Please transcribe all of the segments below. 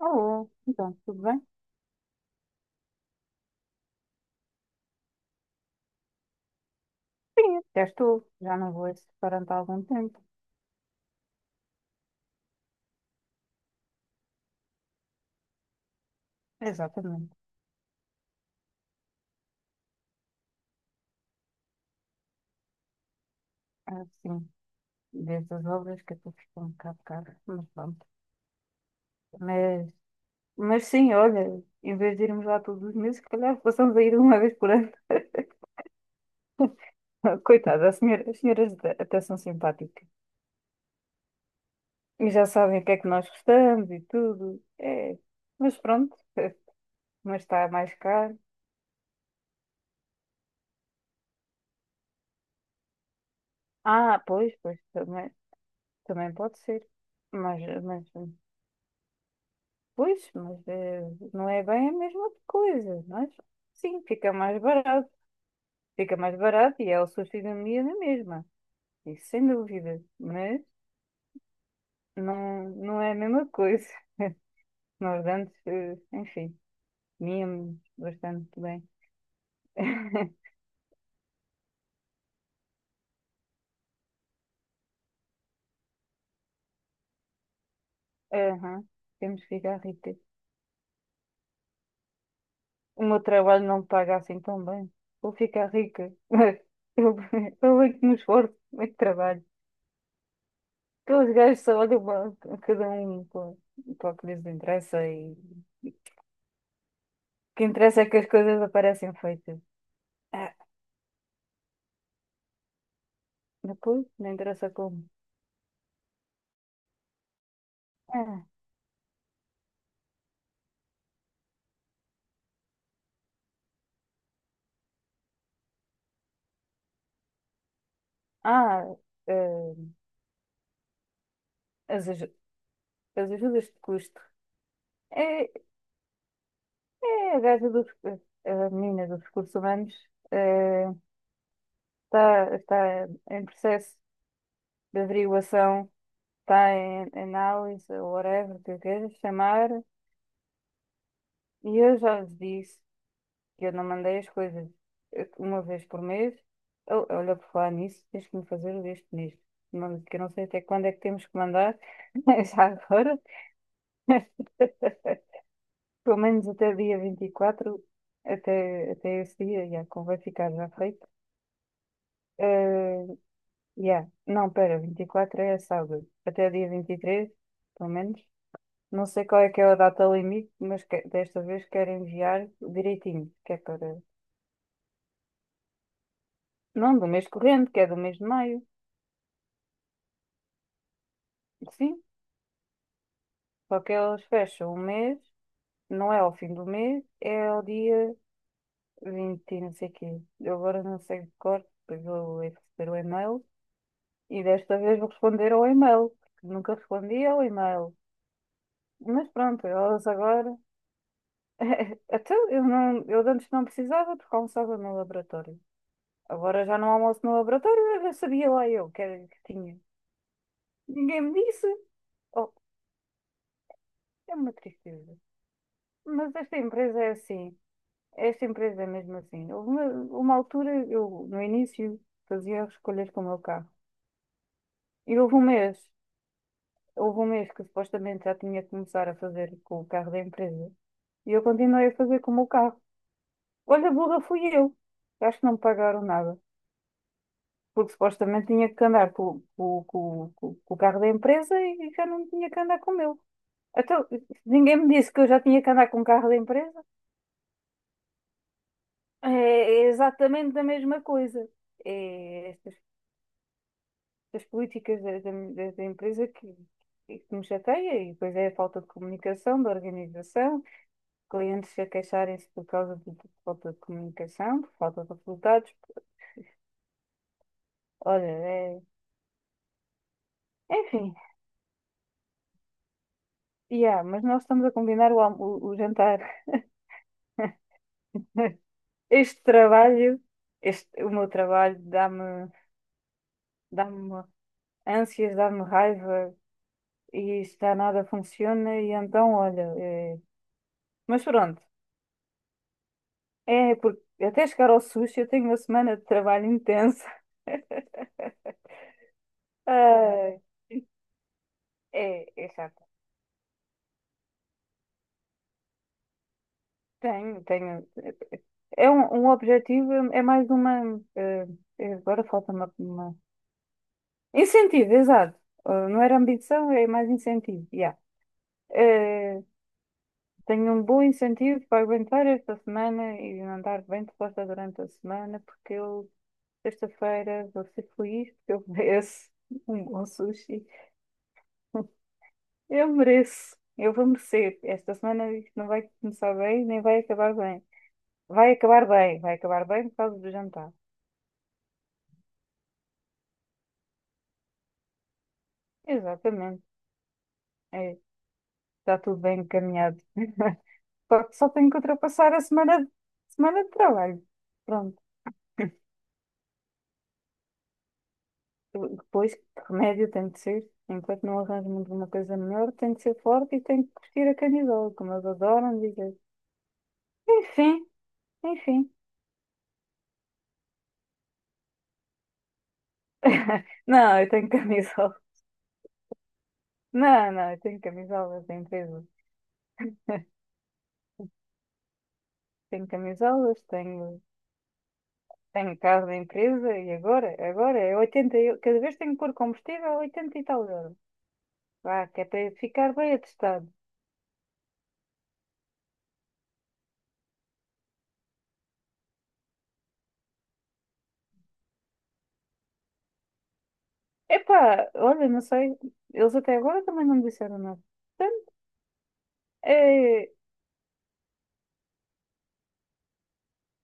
Alô, então, tudo bem? Sim, até estou. Já não vou a esse restaurante há algum tempo. Exatamente. Assim, desde as obras que até ficou um bocado caro, mas pronto. Mas, mas sim, olha, em vez de irmos lá todos os meses, se calhar possamos ir uma vez por ano. Coitada, as senhoras até são simpáticas. E já sabem o que é que nós gostamos e tudo. É, mas pronto, mas está mais caro. Ah, pois, pois, também pode ser. Mas pois, mas não é bem a mesma coisa, mas sim, fica mais barato. Fica mais barato e é o sushi da minha na mesma. Isso sem dúvida. Mas não, não é a mesma coisa. Nós antes, enfim, comíamos bastante bem. Aham, temos que ficar ricas. O meu trabalho não me paga assim tão bem. Vou ficar rica. Eu, eu é que me esforço, eu é que trabalho. Aqueles gajos só olham para cada um para o que lhes interessa e o que interessa é que as coisas aparecem feitas. Ah, depois, não interessa como. Ah, ah, eh, as, aju- as ajudas de custo. É, é a gaja dos, a menina dos recursos humanos, eh, está em processo de averiguação, está em análise, ou whatever que eu queira chamar, e eu já lhes disse eu não mandei as coisas, uma vez por mês. Oh, olha, por falar nisso, tens que me fazer o deste mês. Não, que eu não sei até quando é que temos que mandar, mas já agora. Pelo menos até dia 24, até esse dia, já, como vai ficar já feito. Eh, yeah. Não, pera, 24 é sábado. Até dia 23, pelo menos. Não sei qual é que é a data limite, mas que desta vez quero enviar direitinho, que é para. Não, do mês corrente, que é do mês de maio. Sim, só que eles fecham o mês, não é ao fim do mês, é ao dia 20 e não sei quê. Eu agora não sei de cor, depois vou receber o e-mail e desta vez vou responder ao e-mail, porque nunca respondi ao e-mail. Mas pronto, elas agora. Até eu, não, eu de antes não precisava porque almoçava no laboratório. Agora já não almoço no laboratório, eu sabia lá eu que era que tinha. Ninguém me disse. Oh, é uma tristeza. Mas esta empresa é assim. Essa empresa é mesmo assim. Houve uma, altura, eu no início fazia escolhas com o meu carro. E houve um mês que supostamente já tinha que começar a fazer com o carro da empresa. E eu continuei a fazer com o meu carro. Olha, burra fui eu. Acho que não me pagaram nada. Porque supostamente tinha que andar com o carro da empresa e já não tinha que andar com o meu. Então, ninguém me disse que eu já tinha que andar com o carro da empresa. É exatamente a mesma coisa. É, estas das políticas empresa que me chateia, e depois é a falta de comunicação, de organização, clientes a queixarem-se por causa de falta de comunicação, por falta de resultados. Olha, é, enfim, yeah, mas nós estamos a combinar o, o jantar. Este trabalho, o meu trabalho, dá-me ânsias, dá-me raiva e isto já nada funciona, e então, olha, é, mas pronto. É, porque até chegar ao sushi eu tenho uma semana de trabalho intensa. Ah, é, é chato. Tenho, tenho. É um objetivo, é mais uma. Agora falta uma- incentivo, exato. Ah, não era ambição, é mais incentivo. Yeah. Eh, tenho um bom incentivo para aguentar esta semana e andar bem disposta durante a semana, porque eu, sexta-feira, vou ser feliz, porque eu mereço um bom sushi. Eu mereço. Eu vou merecer. Esta semana isto não vai começar bem, nem vai acabar bem. Vai acabar bem, vai acabar bem por causa do jantar. Exatamente. É, está tudo bem encaminhado. Só tenho que ultrapassar a semana, semana de trabalho. Pronto. Depois, que remédio tem de ser. Enquanto não arranjo muito uma coisa melhor, tem de ser forte e tem que vestir a camisola, como eles adoram dizer. Enfim, enfim. Não, eu tenho camisola. Não, não, eu tenho camisolas da empresa. Tenho camisolas, tenho, tenho carro da empresa e agora, agora é 80 eu, cada vez tenho que pôr combustível a 80 e tal euros. Vá, que é para ficar bem atestado. Epá, olha, não sei, eles até agora também não me disseram nada. Portanto, é,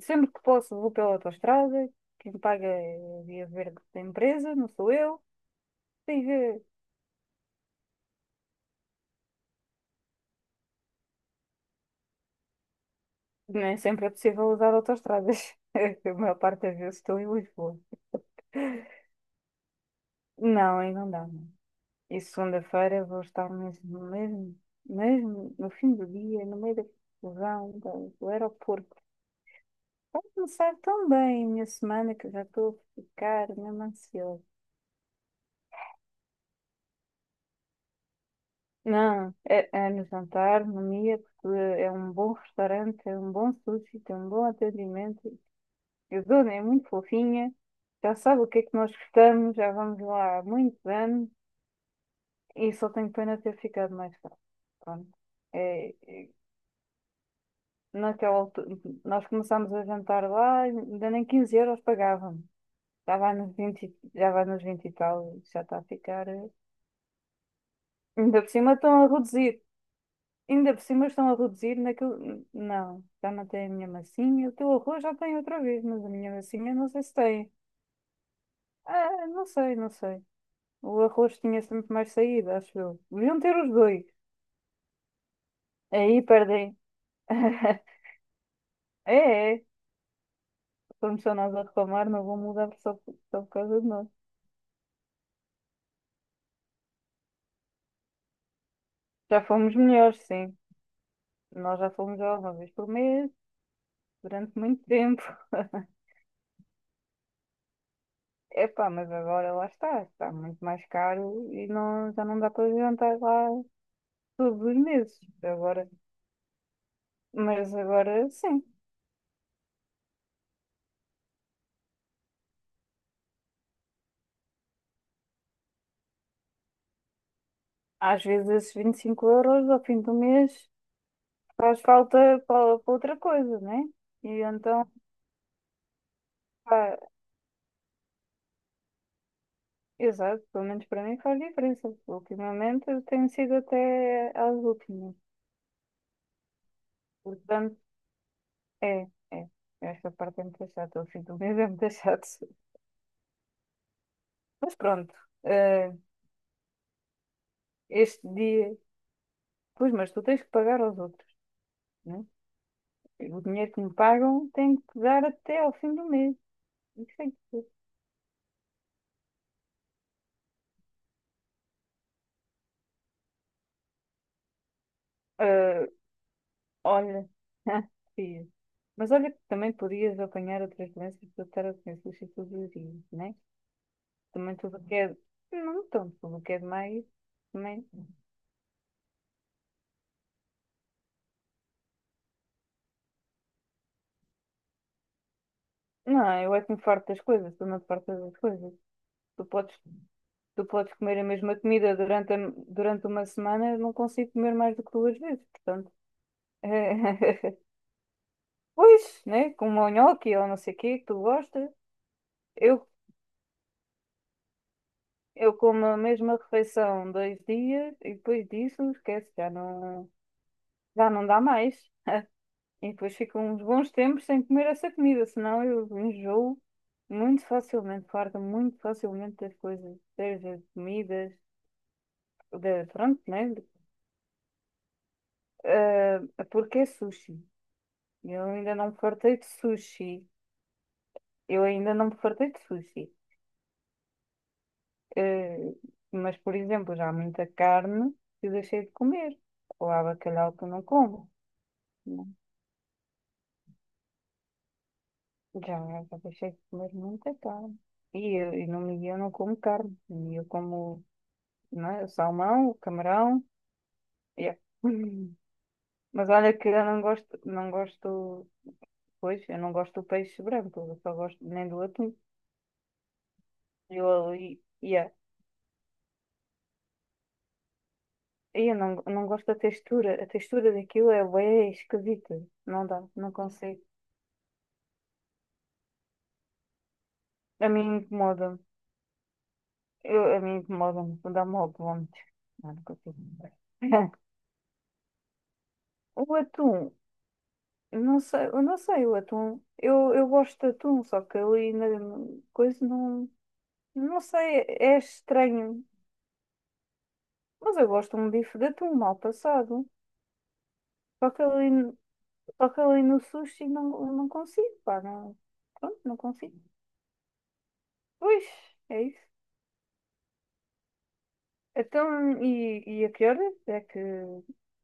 sempre que posso vou pela autoestrada, quem paga é a via verde da empresa, não sou eu. Diga, nem sempre é possível usar autoestradas, a maior parte das vezes estou em Lisboa. Não, aí não dá. E segunda-feira vou estar mesmo, mesmo, mesmo no fim do dia, no meio da confusão do aeroporto. Vai começar tão bem a minha semana que já estou a ficar mesmo ansiosa. Não, é, é no jantar, no Mia, porque é um bom restaurante, é um bom sushi, tem um bom atendimento. A dona é muito fofinha, já sabe o que é que nós gostamos, já vamos lá há muitos anos e só tenho pena de ter ficado mais tarde. Pronto. É, é naquela altura, nós começámos a jantar lá, ainda nem 15 euros pagavam. Já vai nos 20 e- já vai nos 20 e tal, já está a ficar. Eh. Ainda por cima estão a reduzir. Ainda por cima estão a reduzir naquilo. Não, já não tem a minha massinha. O teu arroz já tem outra vez, mas a minha massinha não sei se tem. Ah, não sei, não sei. O arroz tinha sempre mais saída, acho eu. Deviam ter os dois. Aí perdem. É, é. Como só nós a reclamar, não vão mudar só por causa de nós. Já fomos melhores, sim. Nós já fomos já uma vez por mês, durante muito tempo. Epá, mas agora lá está, está muito mais caro e não, já não dá para jantar lá todos os meses. Agora, mas agora sim. Às vezes esses 25 euros ao fim do mês faz falta para outra coisa, né? E então, pá, exato, pelo menos para mim faz diferença. Ultimamente eu tenho sido até às últimas. Portanto, é, é. Esta parte é muito chata, o fim do mês é muito chato. Mas pronto, eh, este dia, pois, mas tu tens que pagar aos outros, né? O dinheiro que me pagam tem que dar até ao fim do mês. Isso tem que ser. Eh, olha, fiz. Mas olha que também podias apanhar outras doenças para estar a doenças todos os dias, né? Também tudo o que é. Não tanto, tudo o que é demais, também. Não, eu é que me farto das coisas, tu não te fartas das coisas. Tu podes, Tu podes comer a mesma comida durante, durante uma semana, eu não consigo comer mais do que duas vezes. Portanto. Eh, pois, né? Como o nhoque ou não sei o quê que tu gostas. Eu, eu como a mesma refeição 2 dias e depois disso, esquece, já não dá mais. E depois fico uns bons tempos sem comer essa comida, senão eu enjoo muito facilmente, farto muito facilmente das coisas, das comidas, da, pronto, né? Ah, porque é sushi. Eu ainda não me fartei de sushi. Eu ainda não me fartei de sushi. Eh, mas, por exemplo, já há muita carne que eu deixei de comer. Ou há bacalhau que eu não como. Né? Já, já deixei de comer muita carne. E no Miguel eu não como carne. E eu como, não é, o salmão, o camarão. Yeah. Mas olha que eu não gosto, pois, eu não gosto do peixe branco. Eu só gosto nem do atum. Eu ali, yeah. E eu não gosto da textura. A textura daquilo é bem esquisita. Não dá, não consigo. A mim incomoda. A mim incomoda-me, dá-me logo vómitos. Não, não consigo. O atum, não sei, eu não sei, o atum, eu gosto de atum, só que ali na coisa não, não sei, é estranho, mas eu gosto de um bife de atum mal passado, só que ali, só que ali no sushi não, não consigo, pá, não, pronto, não consigo. Pois, é isso. Então, e a que horas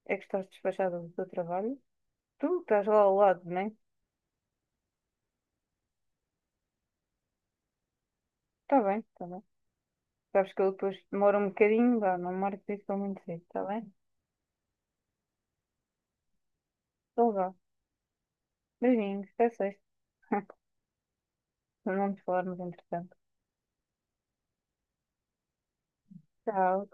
é que estás despachada do teu trabalho? Tu estás lá ao lado, não é? Está bem, está bem. Sabes que eu depois demoro um bocadinho, vá, não marco isso tão muito cedo, está bem? Então vá. Beijinhos, até sexta. Não nos falarmos entretanto. Tchau.